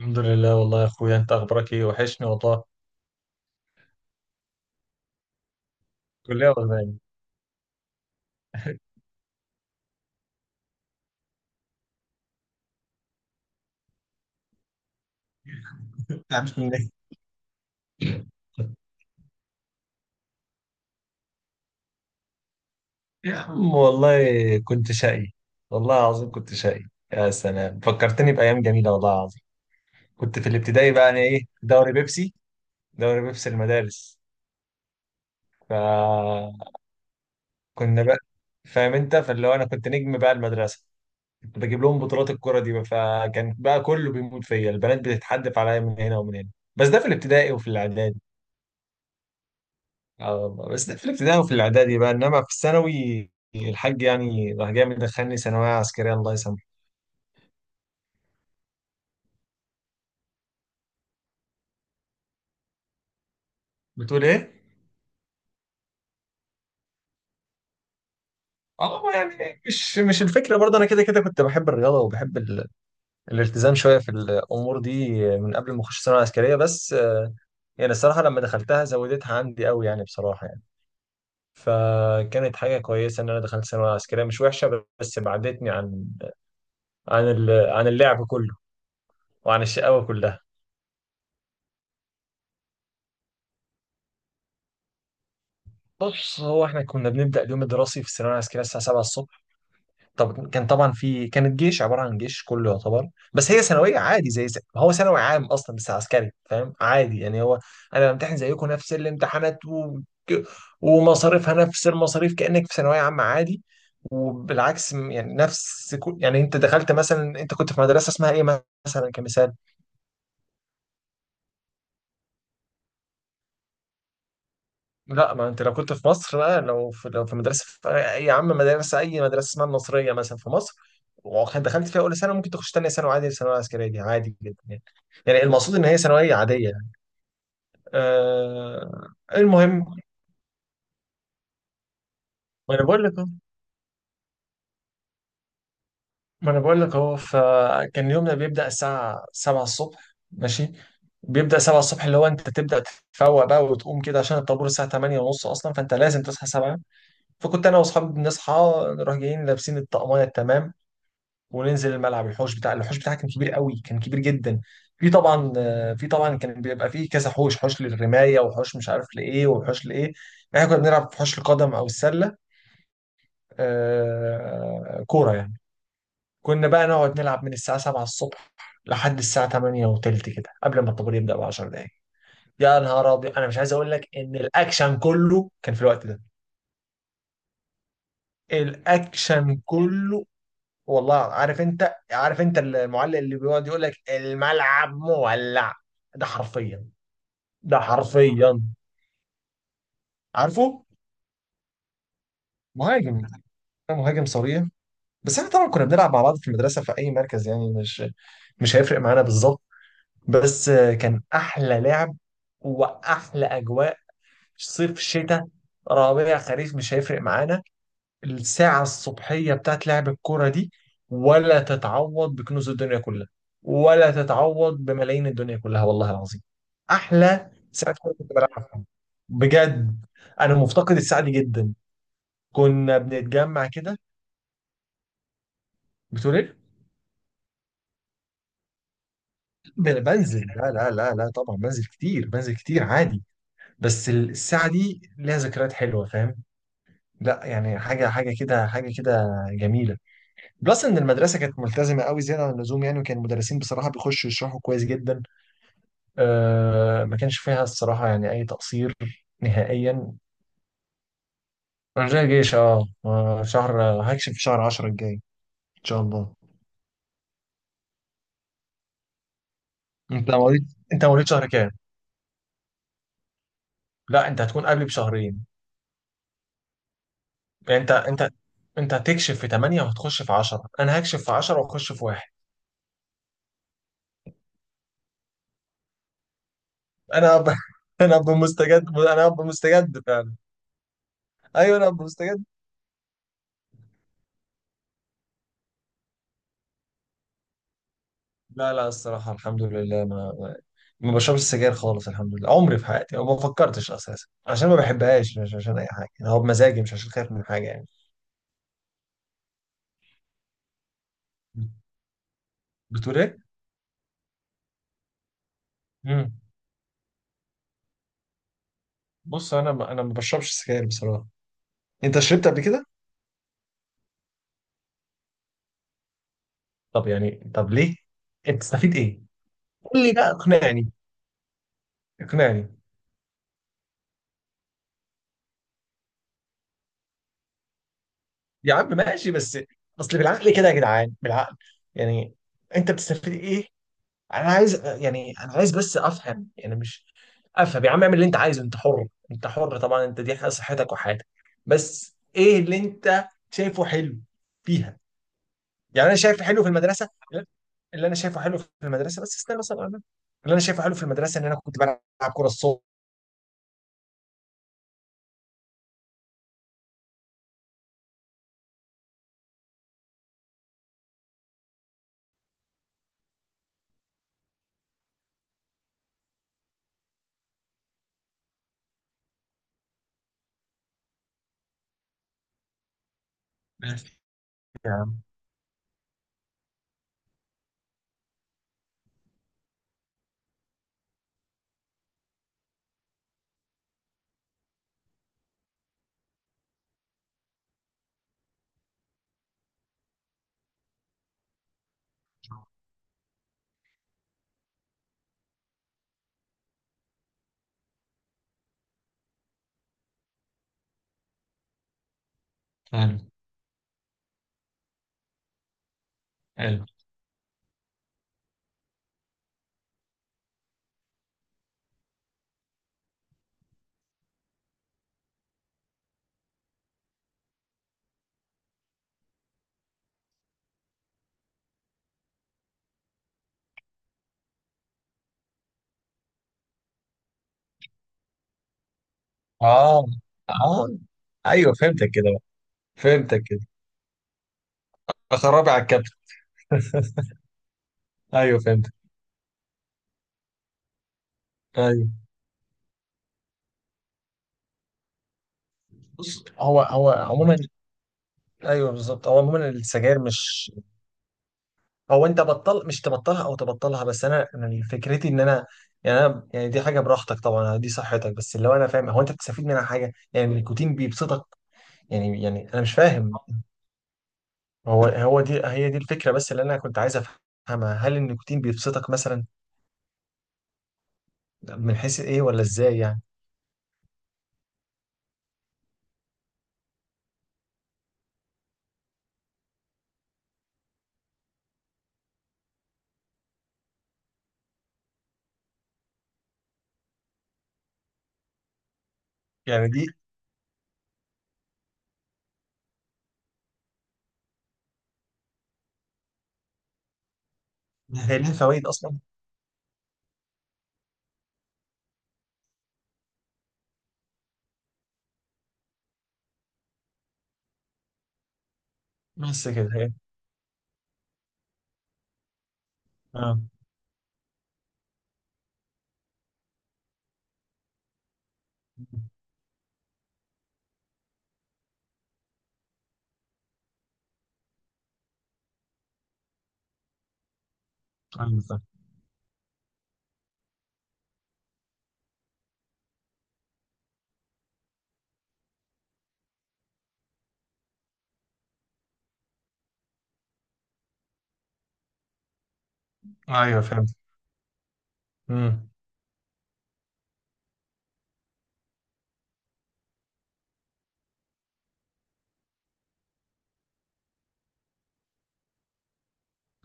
الحمد لله والله يا اخويا انت اخبارك ايه؟ وحشني والله. كلية ولا نايم؟ يا عم والله كنت شقي، والله العظيم كنت شقي. يا سلام فكرتني بايام جميله والله العظيم. كنت في الابتدائي بقى انا، ايه، دوري بيبسي، دوري بيبسي المدارس. فكنا بقى، فاهم انت، فاللي هو انا كنت نجم بقى المدرسه، كنت بجيب لهم بطولات الكره دي بقى، فكان بقى كله بيموت فيا، البنات بتتحدف عليا من هنا ومن هنا. بس ده في الابتدائي وفي الاعدادي. اه والله، بس ده في الابتدائي وفي الاعدادي بقى، انما في الثانوي الحاج يعني راح جاي مدخلني ثانويه عسكريه، الله يسامحه. بتقول ايه؟ اه يعني مش الفكره، برضه انا كده كده كنت بحب الرياضه وبحب ال... الالتزام شويه في الامور دي من قبل ما اخش ثانويه عسكريه، بس يعني الصراحه لما دخلتها زودتها عندي قوي يعني بصراحه يعني. فكانت حاجه كويسه ان انا دخلت ثانويه عسكريه مش وحشه، بس بعدتني عن عن ال... عن اللعب كله وعن الشقاوه كلها. بص، هو احنا كنا بنبدأ اليوم الدراسي في الثانوية العسكرية الساعة 7 الصبح. طب كان طبعا في، كانت جيش، عبارة عن جيش كله يعتبر، بس هي ثانوية عادي زي ما هو ثانوي عام أصلا، بس عسكري، فاهم؟ عادي يعني. هو أنا بمتحن زيكم نفس الامتحانات و... ومصاريفها نفس المصاريف كأنك في ثانوية عامة عادي. وبالعكس، يعني نفس كل... يعني أنت دخلت مثلا، أنت كنت في مدرسة اسمها إيه مثلا، كمثال. لا ما انت لو كنت في مصر بقى، لو في مدرسه في اي، يا عم مدرسه، اي مدرسه اسمها النصريه مثلا في مصر، وكنت دخلت فيها اولى ثانوي، ممكن تخش ثانيه ثانوي عادي. الثانويه العسكريه دي عادي جدا يعني، يعني المقصود ان هي ثانويه عاديه يعني. آه. المهم، ما انا بقول لك اهو ما انا بقول لك اهو، فكان يومنا بيبدا الساعه 7 الصبح ماشي، بيبدا 7 الصبح، اللي هو انت تبدا تتفوق بقى وتقوم كده عشان الطابور الساعه 8 ونص اصلا، فانت لازم تصحى 7. فكنت انا واصحابي بنصحى، نروح جايين لابسين الطقميه التمام، وننزل الملعب، الحوش بتاع، الحوش بتاعها كان كبير قوي، كان كبير جدا. في طبعا، في طبعا كان بيبقى فيه كذا حوش، حوش للرمايه، وحوش مش عارف لايه، وحوش لايه، يعني احنا كنا بنلعب في حوش القدم او السله، كوره يعني. كنا بقى نقعد نلعب من الساعه 7 الصبح لحد الساعه 8 وتلت كده، قبل ما الطابور يبدا ب 10 دقائق. يا نهار ابيض، انا مش عايز اقول لك ان الاكشن كله كان في الوقت ده، الاكشن كله. والله عارف، انت عارف انت، المعلق اللي بيقعد يقول لك الملعب مولع؟ ده حرفيا، ده حرفيا. عارفه. مهاجم، انا مهاجم صريح. بس احنا طبعا كنا بنلعب مع بعض في المدرسه في اي مركز، يعني مش هيفرق معانا بالظبط. بس كان احلى لعب واحلى اجواء. صيف، شتاء، ربيع، خريف، مش هيفرق معانا. الساعة الصبحية بتاعت لعب الكورة دي ولا تتعوض بكنوز الدنيا كلها، ولا تتعوض بملايين الدنيا كلها والله العظيم. أحلى ساعة كورة كنت بلعبها في حياتي، بجد. أنا مفتقد الساعة دي جدا. كنا بنتجمع كده. بتقول إيه؟ بنزل، لا لا لا لا، طبعا بنزل كتير، بنزل كتير عادي. بس الساعة دي ليها ذكريات حلوة، فاهم؟ لا يعني حاجة كده، حاجة كده جميلة. بلس ان المدرسه كانت ملتزمه قوي، زياده عن اللزوم يعني، وكان المدرسين بصراحه بيخشوا يشرحوا كويس جدا، آه، ما كانش فيها الصراحه يعني اي تقصير نهائيا. رجاء جيش، اه شهر، هكشف في شهر 10 الجاي ان شاء الله. انت مواليد، انت مواليد شهر كام؟ لا انت هتكون قبلي بشهرين، يعني انت، انت هتكشف في 8 وهتخش في 10، انا هكشف في 10 واخش في واحد. انا ب... انا ابقى مستجد، انا ابقى مستجد فعلا. ايوه انا ابقى مستجد. لا لا، الصراحة الحمد لله، ما ما بشربش سجاير خالص، الحمد لله، عمري في حياتي أو ما فكرتش أساسا، عشان ما بحبهاش، مش عشان أي حاجة، أنا هو بمزاجي، مش عشان خايف من حاجة يعني. بتقول إيه؟ مم. بص، أنا ما، أنا ما بشربش سجاير بصراحة. أنت شربت قبل كده؟ طب يعني، طب ليه؟ أنت تستفيد إيه؟ قول لي بقى اقنعني. اقنعني يا عم، ماشي، بس أصل بالعقل كده يا جدعان، بالعقل يعني. أنت بتستفيد إيه؟ انا عايز يعني، انا عايز بس افهم يعني، مش افهم يا عم، اعمل اللي انت عايزه، انت حر، انت حر طبعا، انت دي حاجة صحتك وحياتك، بس ايه اللي انت شايفه حلو فيها؟ يعني انا شايف حلو في المدرسه، اللي انا شايفه حلو في المدرسه، بس استنى مثلا، انا اللي انا شايفه حلو في المدرسه ان انا كنت بلعب كوره الصبح. ماشي يا عم. حلو، حلو. اه، اه، ايوه فهمتك كده بقى، فهمتك كده. اخربي على الكابتن. ايوه فهمتك. ايوه. بص، هو عموما، ايوه بالظبط، هو عموما السجاير مش، او انت بطل مش تبطلها او تبطلها، بس انا فكرتي ان انا، يعني انا يعني دي حاجه براحتك طبعا، دي صحتك، بس اللي هو انا فاهم هو انت بتستفيد منها حاجه؟ يعني النيكوتين بيبسطك يعني، يعني انا مش فاهم. هو هو دي، هي دي الفكره، بس اللي انا كنت عايز افهمها، هل النيكوتين بيبسطك مثلا؟ من حيث ايه ولا ازاي يعني؟ يعني دي. هي ليها فوائد اصلا؟ بس كده هي. اه، ايوه فاهم. ايوه فهمت. امم.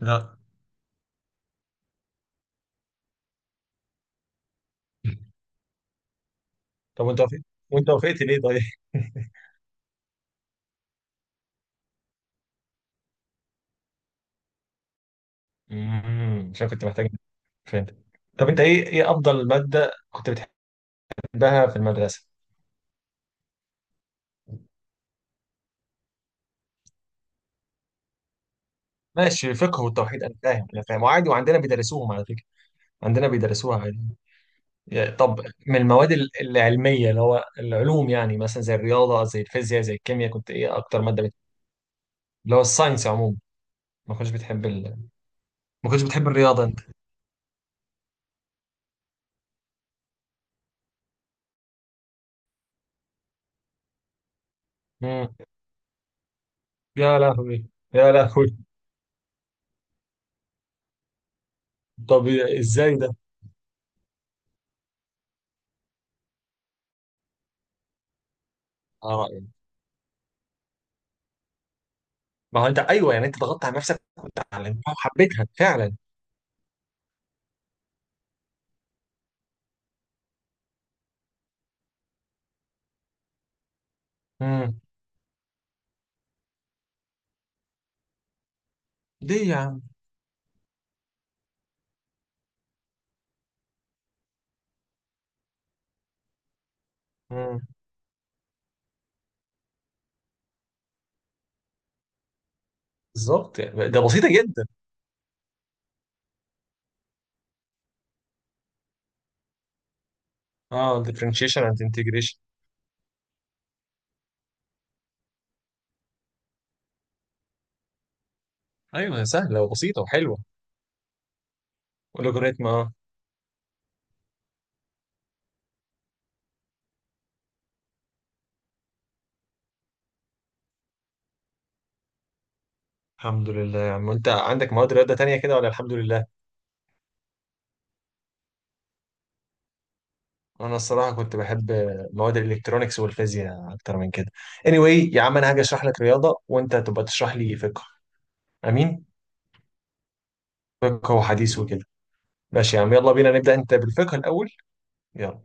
لا. طب وانت وافقت، وانت وافقت ليه طيب؟ امم، عشان كنت محتاج، فهمت. طب انت ايه، ايه افضل ماده كنت بتحبها في المدرسه؟ ماشي، فقه والتوحيد، انا فاهم، انا فاهم، وعادي وعندنا بيدرسوهم على فكره، عندنا بيدرسوها عادي. يا- طب من المواد ال- العلميه، اللي هو العلوم، يعني مثلا زي الرياضه، زي الفيزياء، زي الكيمياء، كنت ايه اكتر ماده بت... اللي هو الساينس عموما. ما كنتش بتحب ال... ما كنتش بتحب الرياضه انت؟ امم. يا لهوي. يا لهوي. طب ازاي ده؟ اه يعني، ما هو انت، ايوه يعني انت ضغطت على نفسك وتعلمتها وحبيتها فعلا. ليه يا عم؟ مم، بالظبط، يعني ده بسيطة جدا. اه differentiation and integration. ايوه، سهلة وبسيطة وحلوة. واللوجاريتم اه. الحمد لله يا عم، انت عندك مواد رياضة تانية كده ولا الحمد لله؟ انا الصراحة كنت بحب مواد الالكترونيكس والفيزياء اكتر من كده. anyway يا عم، انا هاجي اشرح لك رياضة وانت تبقى تشرح لي فقه. امين. فقه وحديث وكده. ماشي يا عم، يلا بينا نبدأ انت بالفقه الاول. يلا.